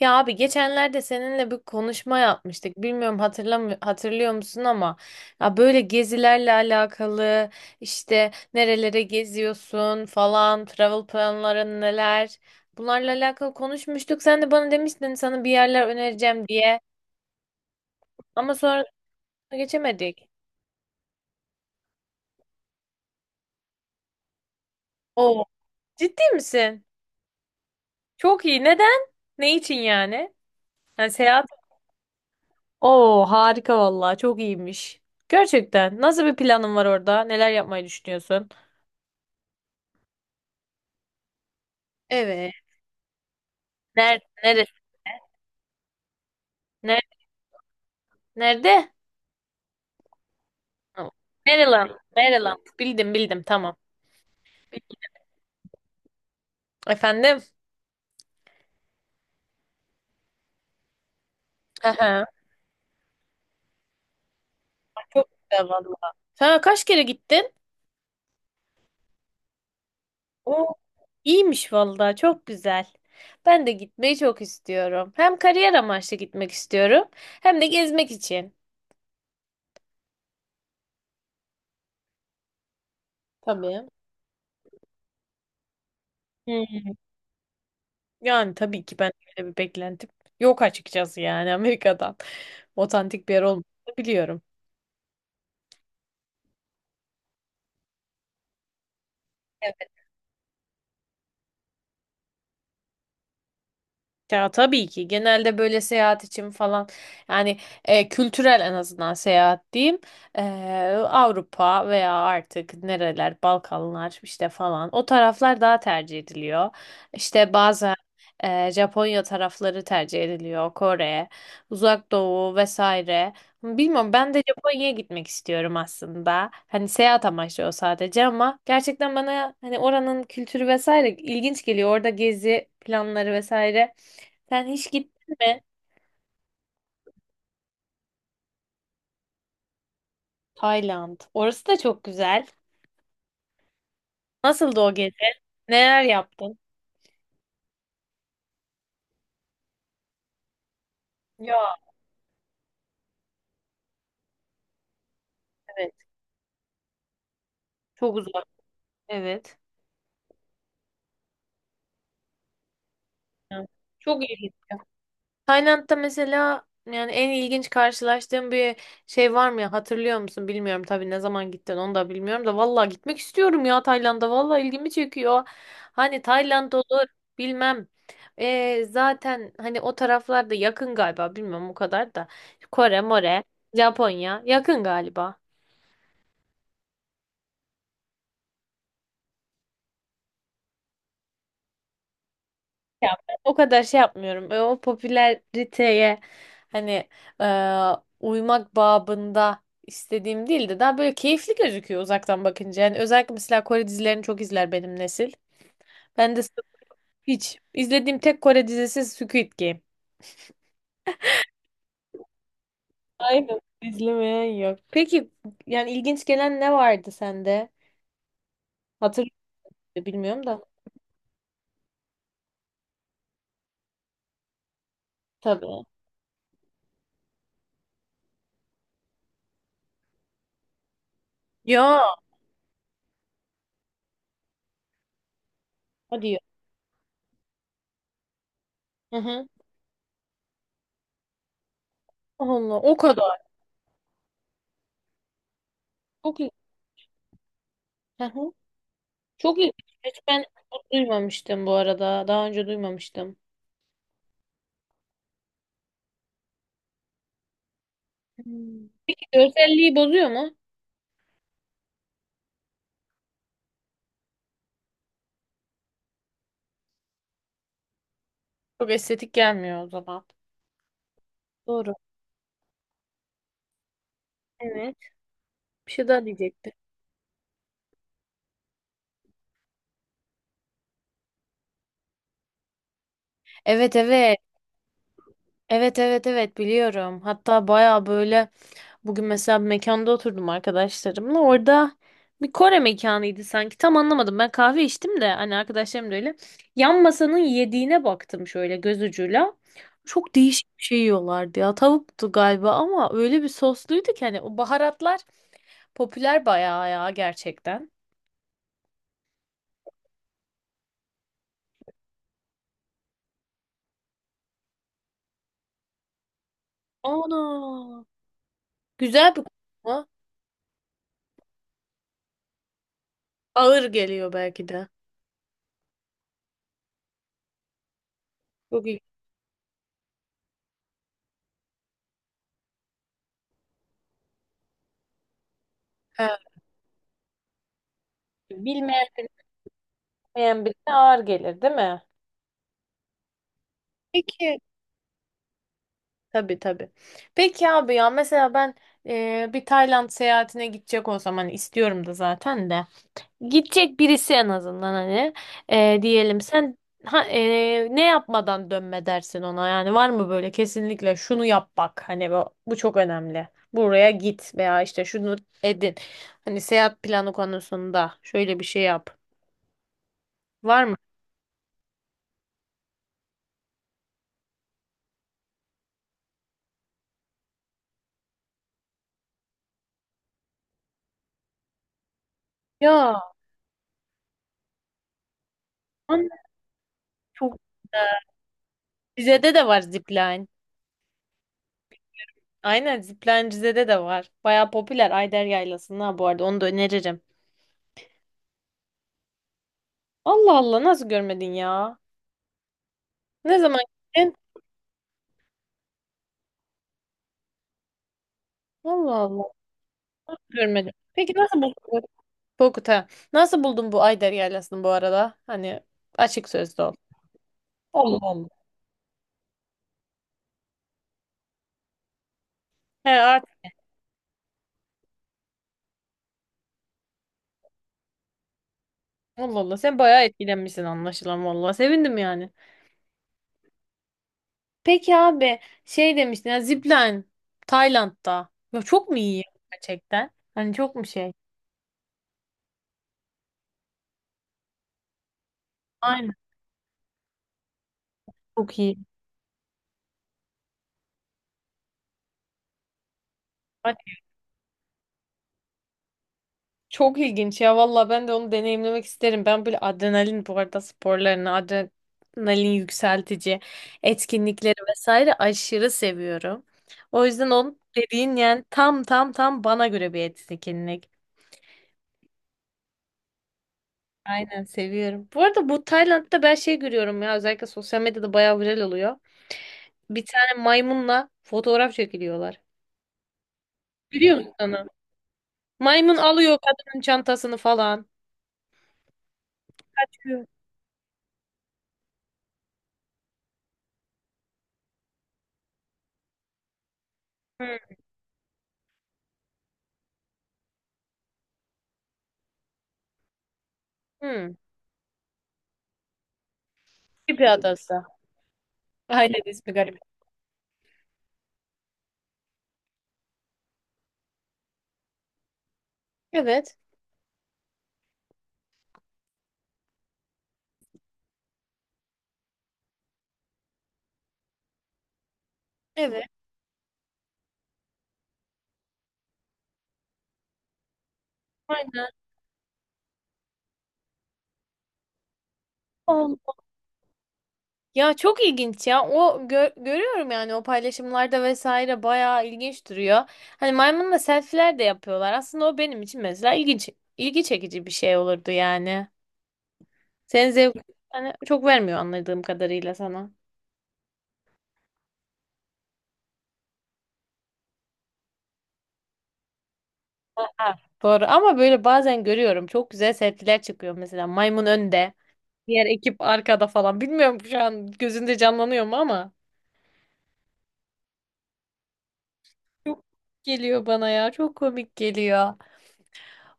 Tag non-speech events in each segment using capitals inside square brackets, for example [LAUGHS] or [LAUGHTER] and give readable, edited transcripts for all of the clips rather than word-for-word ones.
Ya abi geçenlerde seninle bir konuşma yapmıştık. Bilmiyorum hatırlıyor musun ama ya böyle gezilerle alakalı işte nerelere geziyorsun falan, travel planların neler? Bunlarla alakalı konuşmuştuk. Sen de bana demiştin sana bir yerler önereceğim diye. Ama sonra geçemedik. Oo, ciddi misin? Çok iyi. Neden? Ne için yani? Yani seyahat. Oo, harika vallahi çok iyiymiş. Gerçekten. Nasıl bir planın var orada? Neler yapmayı düşünüyorsun? Evet. Nerede? Neresi? Nerede? Nerede? Ha, Maryland. Maryland. Bildim bildim tamam. Efendim? Aha, çok güzel valla. Sen kaç kere gittin? Oo, iyiymiş valla çok güzel. Ben de gitmeyi çok istiyorum. Hem kariyer amaçlı gitmek istiyorum hem de gezmek için. Tabii. Hı hı. Yani tabii ki ben öyle bir beklentim yok açıkçası yani Amerika'dan. Otantik bir yer olmadığını biliyorum. Ya tabii ki genelde böyle seyahat için falan yani kültürel en azından seyahat diyeyim. E, Avrupa veya artık nereler Balkanlar işte falan o taraflar daha tercih ediliyor. İşte bazen Japonya tarafları tercih ediliyor Kore, Uzak Doğu vesaire. Bilmiyorum ben de Japonya'ya gitmek istiyorum aslında. Hani seyahat amaçlı o sadece ama gerçekten bana hani oranın kültürü vesaire ilginç geliyor. Orada gezi planları vesaire. Sen hiç gittin mi? Tayland. Orası da çok güzel. Nasıldı o gezi? Neler yaptın? Ya evet. Çok uzak. Evet. Ya, çok ilginç. Tayland'da mesela yani en ilginç karşılaştığım bir şey var mı ya? Hatırlıyor musun? Bilmiyorum tabii ne zaman gittin onu da bilmiyorum da vallahi gitmek istiyorum ya Tayland'a. Vallahi ilgimi çekiyor. Hani Tayland olur bilmem. Zaten hani o taraflarda yakın galiba bilmiyorum o kadar da. Kore, More, Japonya yakın galiba. Ya ben o kadar şey yapmıyorum. O popülariteye hani e, uymak babında istediğim değil de daha böyle keyifli gözüküyor uzaktan bakınca. Yani özellikle mesela Kore dizilerini çok izler benim nesil. Ben de sırf hiç izlediğim tek Kore dizisi Squid Game. Aynen, izlemeyen yok. Peki yani ilginç gelen ne vardı sende? Hatırlıyorum bilmiyorum da. Tabii. Ya. Hadi ya. Hı hı. Allah o kadar. Çok iyi. Çok ilginç. Hiç ben bunu duymamıştım bu arada. Daha önce duymamıştım. Hmm. Peki görselliği bozuyor mu? Çok estetik gelmiyor o zaman. Doğru. Evet. Bir şey daha diyecektim. Evet evet. Evet evet evet biliyorum. Hatta baya böyle. Bugün mesela bir mekanda oturdum arkadaşlarımla. Orada bir Kore mekanıydı sanki. Tam anlamadım. Ben kahve içtim de hani arkadaşlarım da öyle. Yan masanın yediğine baktım şöyle göz ucuyla. Çok değişik bir şey yiyorlardı ya. Tavuktu galiba ama öyle bir sosluydu ki hani o baharatlar popüler bayağı ya gerçekten. Ana. Güzel bir konu. Ağır geliyor belki de. Çok iyi. He. Bilmeyen, bilmeyen birine ağır gelir, değil mi? Peki. Tabii tabii. Peki abi ya mesela ben bir Tayland seyahatine gidecek olsam hani istiyorum da zaten de. Gidecek birisi en azından hani diyelim sen ha, ne yapmadan dönme dersin ona yani var mı böyle kesinlikle şunu yap bak hani bu çok önemli. Buraya git veya işte şunu edin. Hani seyahat planı konusunda şöyle bir şey yap. Var mı? Ya anne çok güzel. Bize de var zipline. Aynen Ziplencize'de de var. Baya popüler Ayder Yaylası'nda bu arada onu da öneririm. Allah Allah nasıl görmedin ya? Ne zaman gittin? Allah Allah nasıl görmedim. Peki nasıl buldun? Korkut ha. Nasıl buldun bu Ayder Yaylası'nı bu arada? Hani açık sözlü ol. Allah Allah. He artık Allah Allah sen bayağı etkilenmişsin anlaşılan valla. Sevindim yani. Peki abi şey demiştin ya Zipline Tayland'da. Ya çok mu iyi gerçekten? Hani çok mu şey? Aynen çok iyi. Çok ilginç ya valla ben de onu deneyimlemek isterim. Ben böyle adrenalin bu arada sporlarını, adrenalin yükseltici etkinlikleri vesaire aşırı seviyorum. O yüzden onun dediğin yani tam bana göre bir etkinlik. Aynen seviyorum. Bu arada bu Tayland'da ben şey görüyorum ya özellikle sosyal medyada bayağı viral oluyor. Bir tane maymunla fotoğraf çekiliyorlar. Biliyor musun onu? Maymun alıyor kadının çantasını falan. Hı. Hı. Gibi adası. Aynen ismi garip. Evet. Evet. Aynen. Ol- Ya çok ilginç ya. O görüyorum yani o paylaşımlarda vesaire bayağı ilginç duruyor. Hani maymunla selfie'ler de yapıyorlar. Aslında o benim için mesela ilginç ilgi çekici bir şey olurdu yani. Senin zevk hani çok vermiyor anladığım kadarıyla sana. Doğru ama böyle bazen görüyorum çok güzel selfie'ler çıkıyor mesela maymun önde, diğer ekip arkada falan. Bilmiyorum şu an gözünde canlanıyor mu ama çok geliyor bana ya. Çok komik geliyor.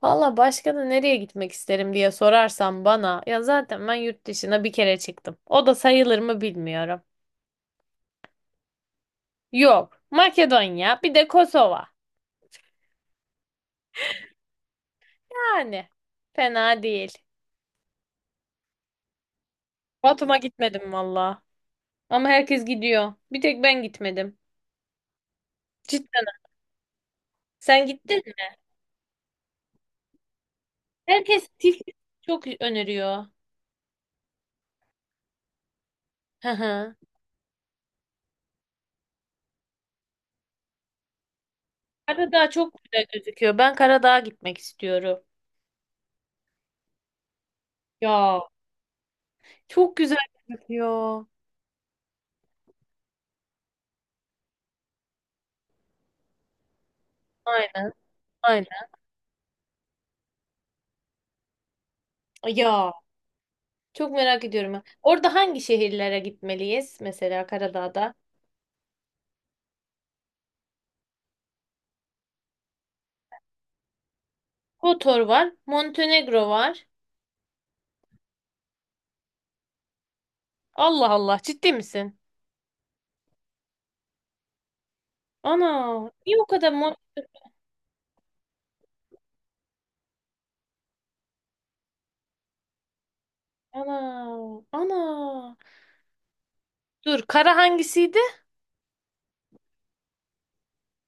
Valla başka da nereye gitmek isterim diye sorarsan bana ya zaten ben yurt dışına bir kere çıktım. O da sayılır mı bilmiyorum. Yok. Makedonya bir de Kosova. Yani fena değil. Batum'a gitmedim valla. Ama herkes gidiyor. Bir tek ben gitmedim. Cidden. Sen gittin mi? Herkes Tiflis çok öneriyor. Hı hı. Karadağ çok güzel gözüküyor. Ben Karadağ'a gitmek istiyorum. Ya çok güzel gözüküyor. Aynen, aynen. Ya. Çok merak ediyorum. Orada hangi şehirlere gitmeliyiz? Mesela Karadağ'da. Kotor var. Montenegro var. Allah Allah, ciddi misin? Ana, niye o kadar Ana, ana. Dur, kara hangisiydi?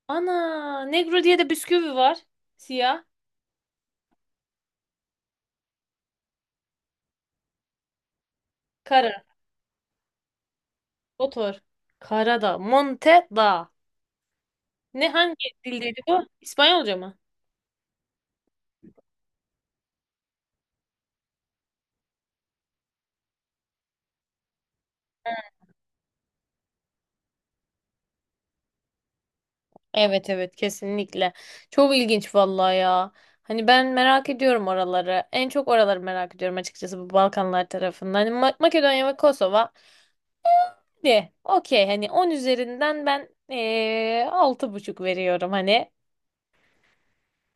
Ana, Negro diye de bisküvi var. Siyah, kara, Kotor. Karadağ, Montedağ. Ne hangi dildeydi bu? İspanyolca mı? Evet evet kesinlikle. Çok ilginç vallahi ya. Hani ben merak ediyorum oraları. En çok oraları merak ediyorum açıkçası bu Balkanlar tarafından. Hani Makedonya ve Kosova de okey hani 10 üzerinden ben 6,5 veriyorum hani.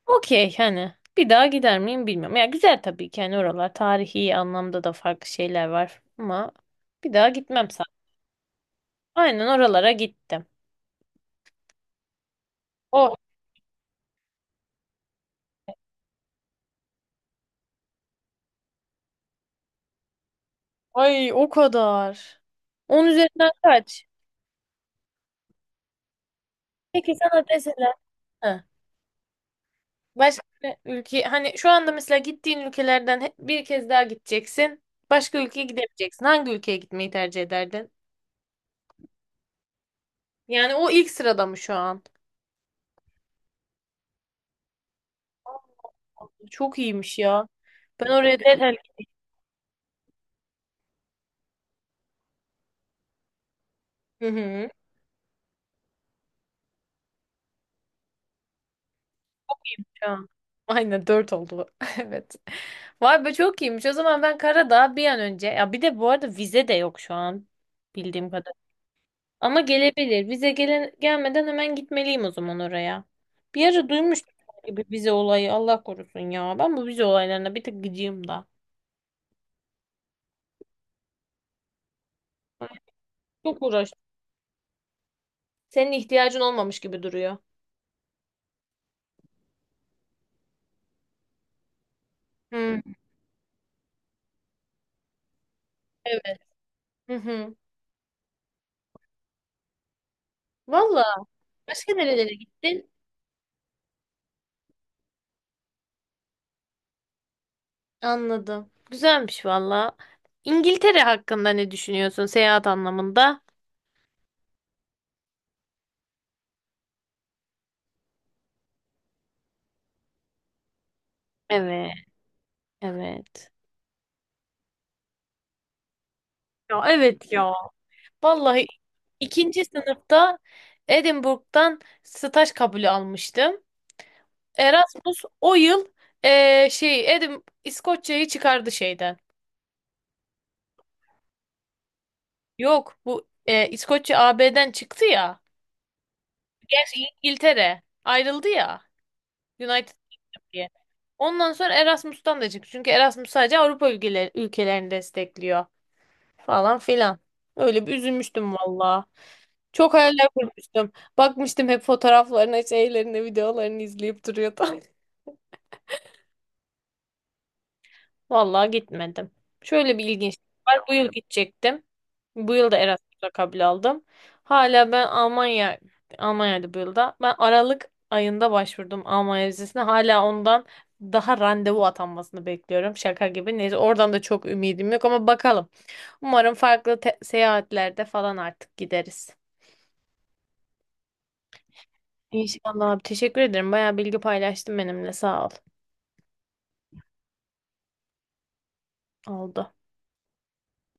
Okey hani bir daha gider miyim bilmiyorum. Ya güzel tabii ki hani oralar tarihi anlamda da farklı şeyler var ama bir daha gitmem sanırım. Aynen oralara gittim. Oh, ay o kadar. 10 üzerinden kaç? Peki sana deseler Ha. Başka ülke hani şu anda mesela gittiğin ülkelerden bir kez daha gideceksin. Başka ülkeye gidemeyeceksin. Hangi ülkeye gitmeyi tercih ederdin? Yani o ilk sırada mı şu an? Çok iyiymiş ya. Ben oraya derhal Hı hı. Şu an. Aynen dört oldu. [LAUGHS] Evet. Vay be çok iyiymiş. O zaman ben Karadağ bir an önce. Ya bir de bu arada vize de yok şu an. Bildiğim kadarıyla. Ama gelebilir. Vize gelmeden hemen gitmeliyim o zaman oraya. Bir ara duymuştum gibi vize olayı. Allah korusun ya. Ben bu vize olaylarına bir tık gıcığım da. Çok uğraştım. Senin ihtiyacın olmamış gibi duruyor. Hı, evet. Hı hı. Valla başka nerelere gittin? Anladım. Güzelmiş valla. İngiltere hakkında ne düşünüyorsun seyahat anlamında? Evet, evet. Ya evet ya. Vallahi ikinci sınıfta Edinburgh'dan staj kabulü almıştım. Erasmus o yıl şey Edim İskoçya'yı çıkardı şeyden. Yok bu İskoçya AB'den çıktı ya. Gerçi İngiltere ayrıldı ya United Kingdom diye. Ondan sonra Erasmus'tan da çıktı. Çünkü Erasmus sadece Avrupa ülkelerini destekliyor falan filan. Öyle bir üzülmüştüm valla. Çok hayaller kurmuştum. Bakmıştım hep fotoğraflarına, şeylerine, videolarını izleyip duruyordu. [LAUGHS] Vallahi gitmedim. Şöyle bir ilginç var. Bu yıl gidecektim. Bu yıl da Erasmus'a kabul aldım. Hala ben Almanya'da bu yılda. Ben Aralık ayında başvurdum Almanya vizesine. Hala ondan daha randevu atanmasını bekliyorum. Şaka gibi. Neyse oradan da çok ümidim yok ama bakalım. Umarım farklı seyahatlerde falan artık gideriz. İnşallah abi. Teşekkür ederim. Bayağı bilgi paylaştın benimle. Sağ ol. Oldu.